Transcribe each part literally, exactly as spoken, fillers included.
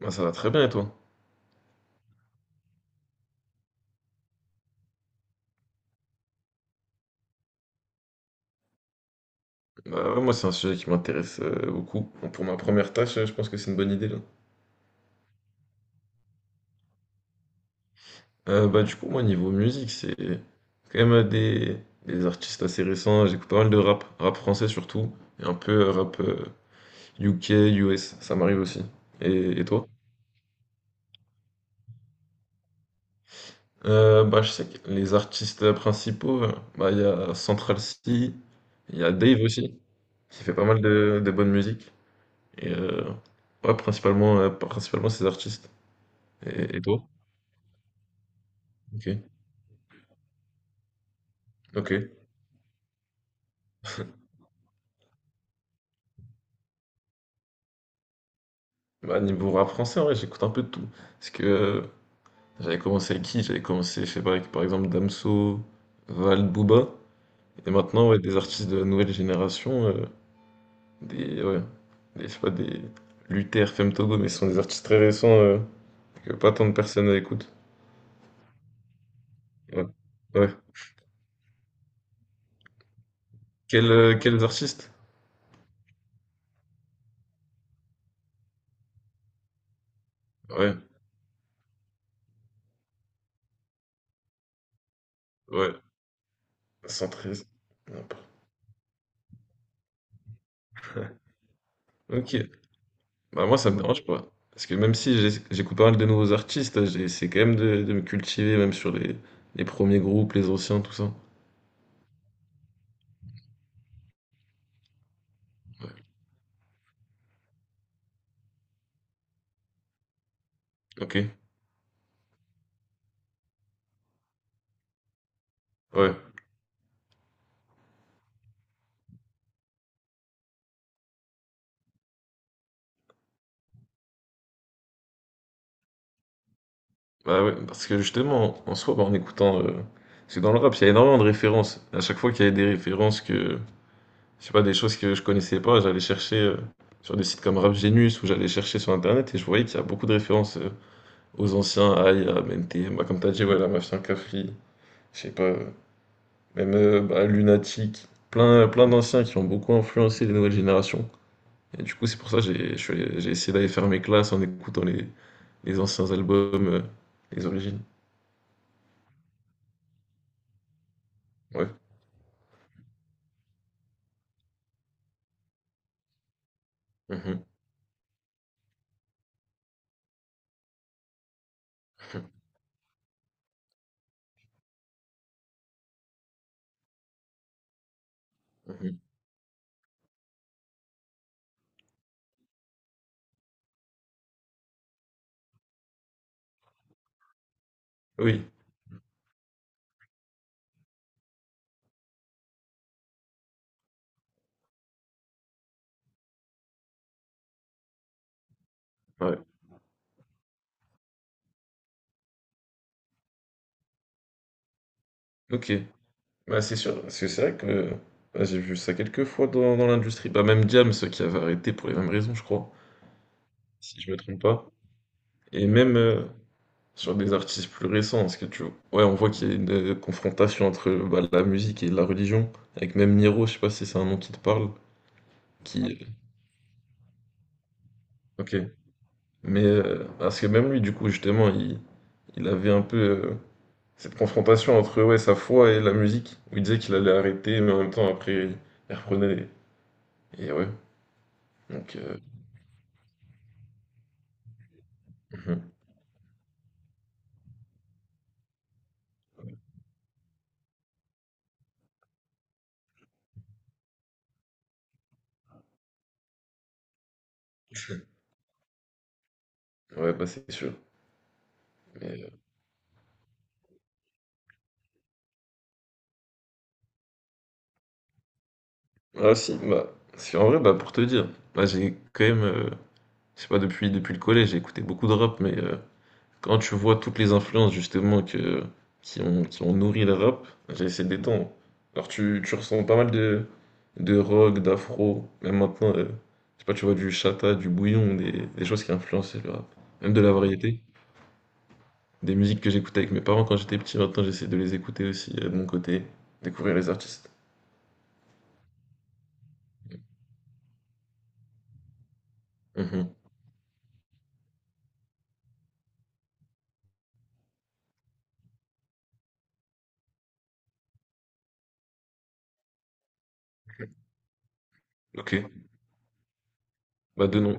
Moi, ça va très bien et toi? Bah ouais, moi c'est un sujet qui m'intéresse euh, beaucoup. Bon, pour ma première tâche, euh, je pense que c'est une bonne idée là. Euh, bah du coup moi niveau musique c'est quand même euh, des, des artistes assez récents. J'écoute pas mal de rap, rap français surtout, et un peu euh, rap euh, U K, U S, ça m'arrive aussi. Et, et toi? Euh, bah je sais que les artistes principaux, euh, bah il y a Central C, il y a Dave aussi, qui fait pas mal de, de bonne musique. Et euh, ouais, principalement, euh, principalement ces artistes. Et, et toi? Ok. OK. Bah, niveau rap français, en vrai, j'écoute un peu de tout. Parce que euh, j'avais commencé avec qui? J'avais commencé, je sais pas, avec par exemple Damso, Val, Booba. Et maintenant, ouais, des artistes de la nouvelle génération, euh, des, ouais, des, je sais pas, des Luther, Femme Togo, mais ce sont des artistes très récents, euh, que pas tant de personnes écoutent. Ouais. Ouais. Quels, euh, quels artistes? Ouais, ouais, un un trois. Hop. Ok. Bah moi ça me dérange pas. Parce que même si j'ai- j'écoute pas mal de nouveaux artistes, j'ai essayé quand même de, de me cultiver, même sur les, les premiers groupes, les anciens, tout ça. Ouais. Ok. Ouais. Bah ouais, parce que justement, en soi, bah, en écoutant. euh, Parce que dans le rap, il y a énormément de références. À chaque fois qu'il y avait des références que. Je sais pas, des choses que je connaissais pas, j'allais chercher, euh, sur des sites comme Rap Genius ou j'allais chercher sur Internet et je voyais qu'il y a beaucoup de références, euh, aux anciens, à I A, M T M N T M, bah, comme t'as dit, ouais, la Mafia Cafri, je sais pas. euh, Même euh, bah, Lunatic, plein, plein d'anciens qui ont beaucoup influencé les nouvelles générations. Et du coup, c'est pour ça que j'ai je suis allé- j'ai essayé d'aller faire mes classes en écoutant les, les anciens albums, euh, les origines. Ouais. Mhm, mhm. Oui, ouais. Ok. Bah, c'est sûr, parce que c'est vrai que bah, j'ai vu ça quelques fois dans, dans l'industrie. Bah, même Diams qui avait arrêté pour les mêmes raisons, je crois, si je me trompe pas. Et même, euh, sur des artistes plus récents, parce que tu ouais, on voit qu'il y a une euh, confrontation entre, bah, la musique et la religion, avec même Niro, je sais pas si c'est un nom qui te parle. Ouais. qui OK. Mais, heu, parce que même lui, du coup, justement, il il avait un peu, heu, cette confrontation entre, ouais, sa foi et la musique, où il disait qu'il allait arrêter, mais en même temps, après, il reprenait et ouais, donc heu, mmh. Ouais, bah, c'est sûr, mais, heu, ah si, bah, si en vrai, bah, pour te dire, bah, j'ai quand même, heu, je sais pas, depuis depuis le collège, j'ai écouté beaucoup de rap, mais heu quand tu vois toutes les influences justement que, qui ont, qui ont nourri le rap, j'ai ces des temps. Alors tu, tu ressens pas mal de, de rock, d'afro, même maintenant, euh, je sais pas, tu vois du chata, du bouillon, des, des choses qui influencent le rap. Même de la variété, des musiques que j'écoutais avec mes parents quand j'étais petit, maintenant j'essaie de les écouter aussi, euh, de mon côté, découvrir les artistes. Mhm. Ok, bah de nom.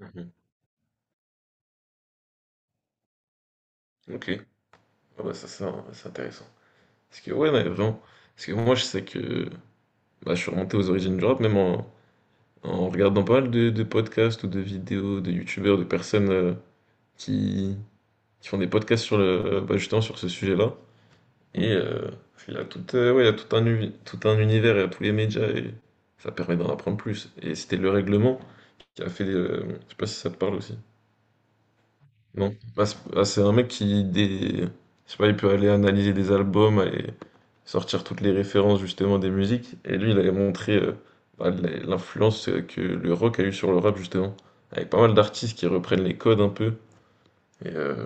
Mhm. Ok. Ah bah ça c'est un- c'est intéressant. Parce que ouais, ouais, vraiment, parce que moi je sais que bah, je suis remonté aux origines du rap, même en, en regardant pas mal de, de podcasts ou de vidéos de youtubeurs, de personnes, euh, qui, qui font des podcasts sur le, euh, bah, justement sur ce sujet-là. Et euh, il y a tout, euh, ouais, il y a tout un, uni- tout un univers, il y a tous les médias et ça permet d'en apprendre plus. Et c'était le règlement qui a fait. Euh, je sais pas si ça te parle aussi. Non. Bah, c'est bah, c'est un mec qui des... je sais pas, il peut aller analyser des albums, aller sortir toutes les références justement des musiques. Et lui, il avait montré, euh, bah, l- l'influence, euh, que le rock a eu sur le rap justement. Avec pas mal d'artistes qui reprennent les codes un peu. Et, euh,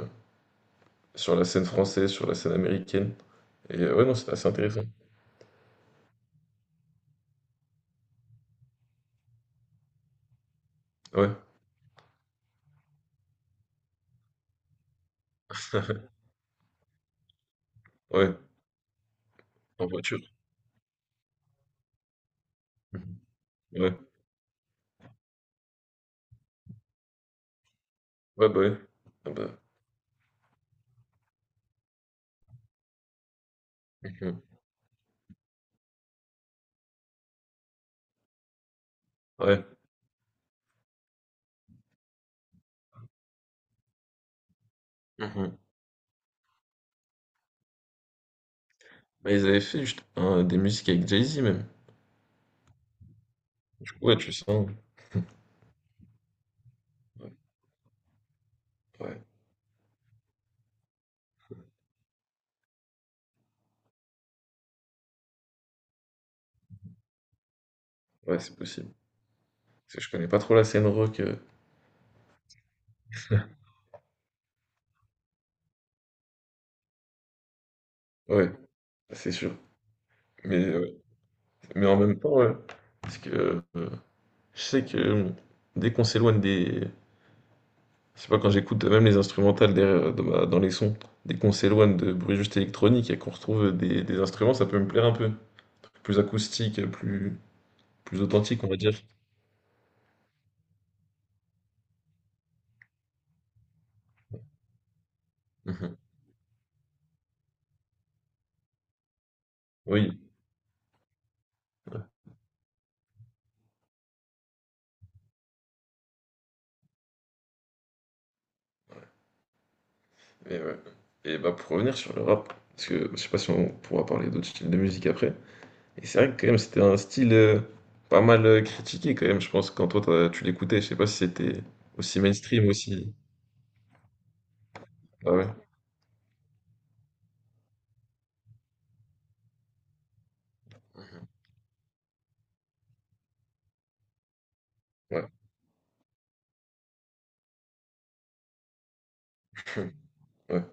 Sur la scène française, sur la scène américaine. Et euh, ouais, non, c'est assez intéressant. Ouais, ouais, en voiture. Ouais, ouais, bah ouais. Ah bah, mhm. Ouais. Mhm. Bah, ils avaient fait juste hein, des musiques avec Jay-Z même. Du coup, ouais, tu sens. Ouais. Ouais. Ouais, c'est possible. Parce que je connais pas trop la scène rock. euh, Ouais, c'est sûr. Mais, euh, mais en même temps, ouais, parce que euh, je sais que euh, dès qu'on s'éloigne des. Je sais pas, quand j'écoute même les instrumentales derrière, dans, ma- dans les sons, dès qu'on s'éloigne de bruit juste électronique et qu'on retrouve des, des instruments, ça peut me plaire un peu. Plus acoustique, plus, plus authentique, on va dire. Mhm. Oui. Et, ouais. Et bah pour revenir sur le rap, parce que je sais pas si on pourra parler d'autres styles de musique après. Et c'est vrai que quand même c'était un style, euh, pas mal, euh, critiqué quand même, je pense, quand toi t'as- tu l'écoutais, je sais pas si c'était aussi mainstream aussi. Ah ouais, ouais, ouais,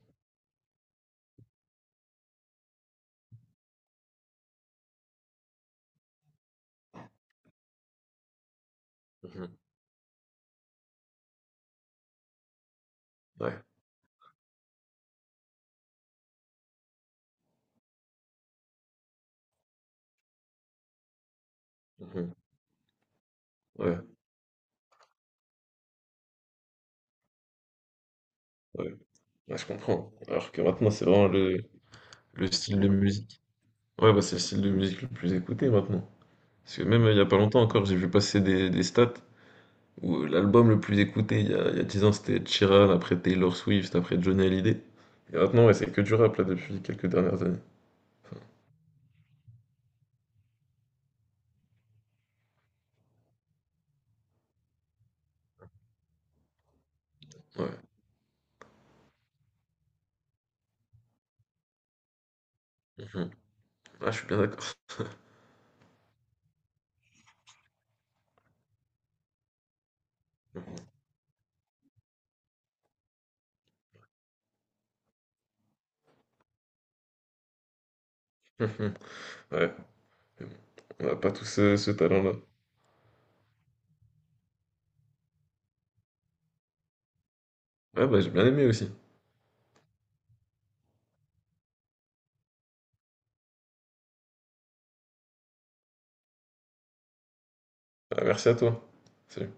mhm, ouais, mhm, ouais, ouais, ouais, je comprends. Alors que maintenant c'est vraiment le, le style de musique. Ouais, bah c'est le style de musique le plus écouté maintenant. Parce que même euh, il y a pas longtemps encore, j'ai vu passer des, des stats où, euh, l'album le plus écouté il y a, il y a dix ans c'était Chiran, après Taylor Swift, après Johnny Hallyday. Et maintenant ouais, c'est que du rap là depuis quelques dernières années. Enfin, ouais. Ah, je suis bien d'accord. Ouais, mais bon, on n'a pas tous euh, ce talent-là. Ouais, bah j'ai bien aimé aussi. Ah, merci à toi. Salut.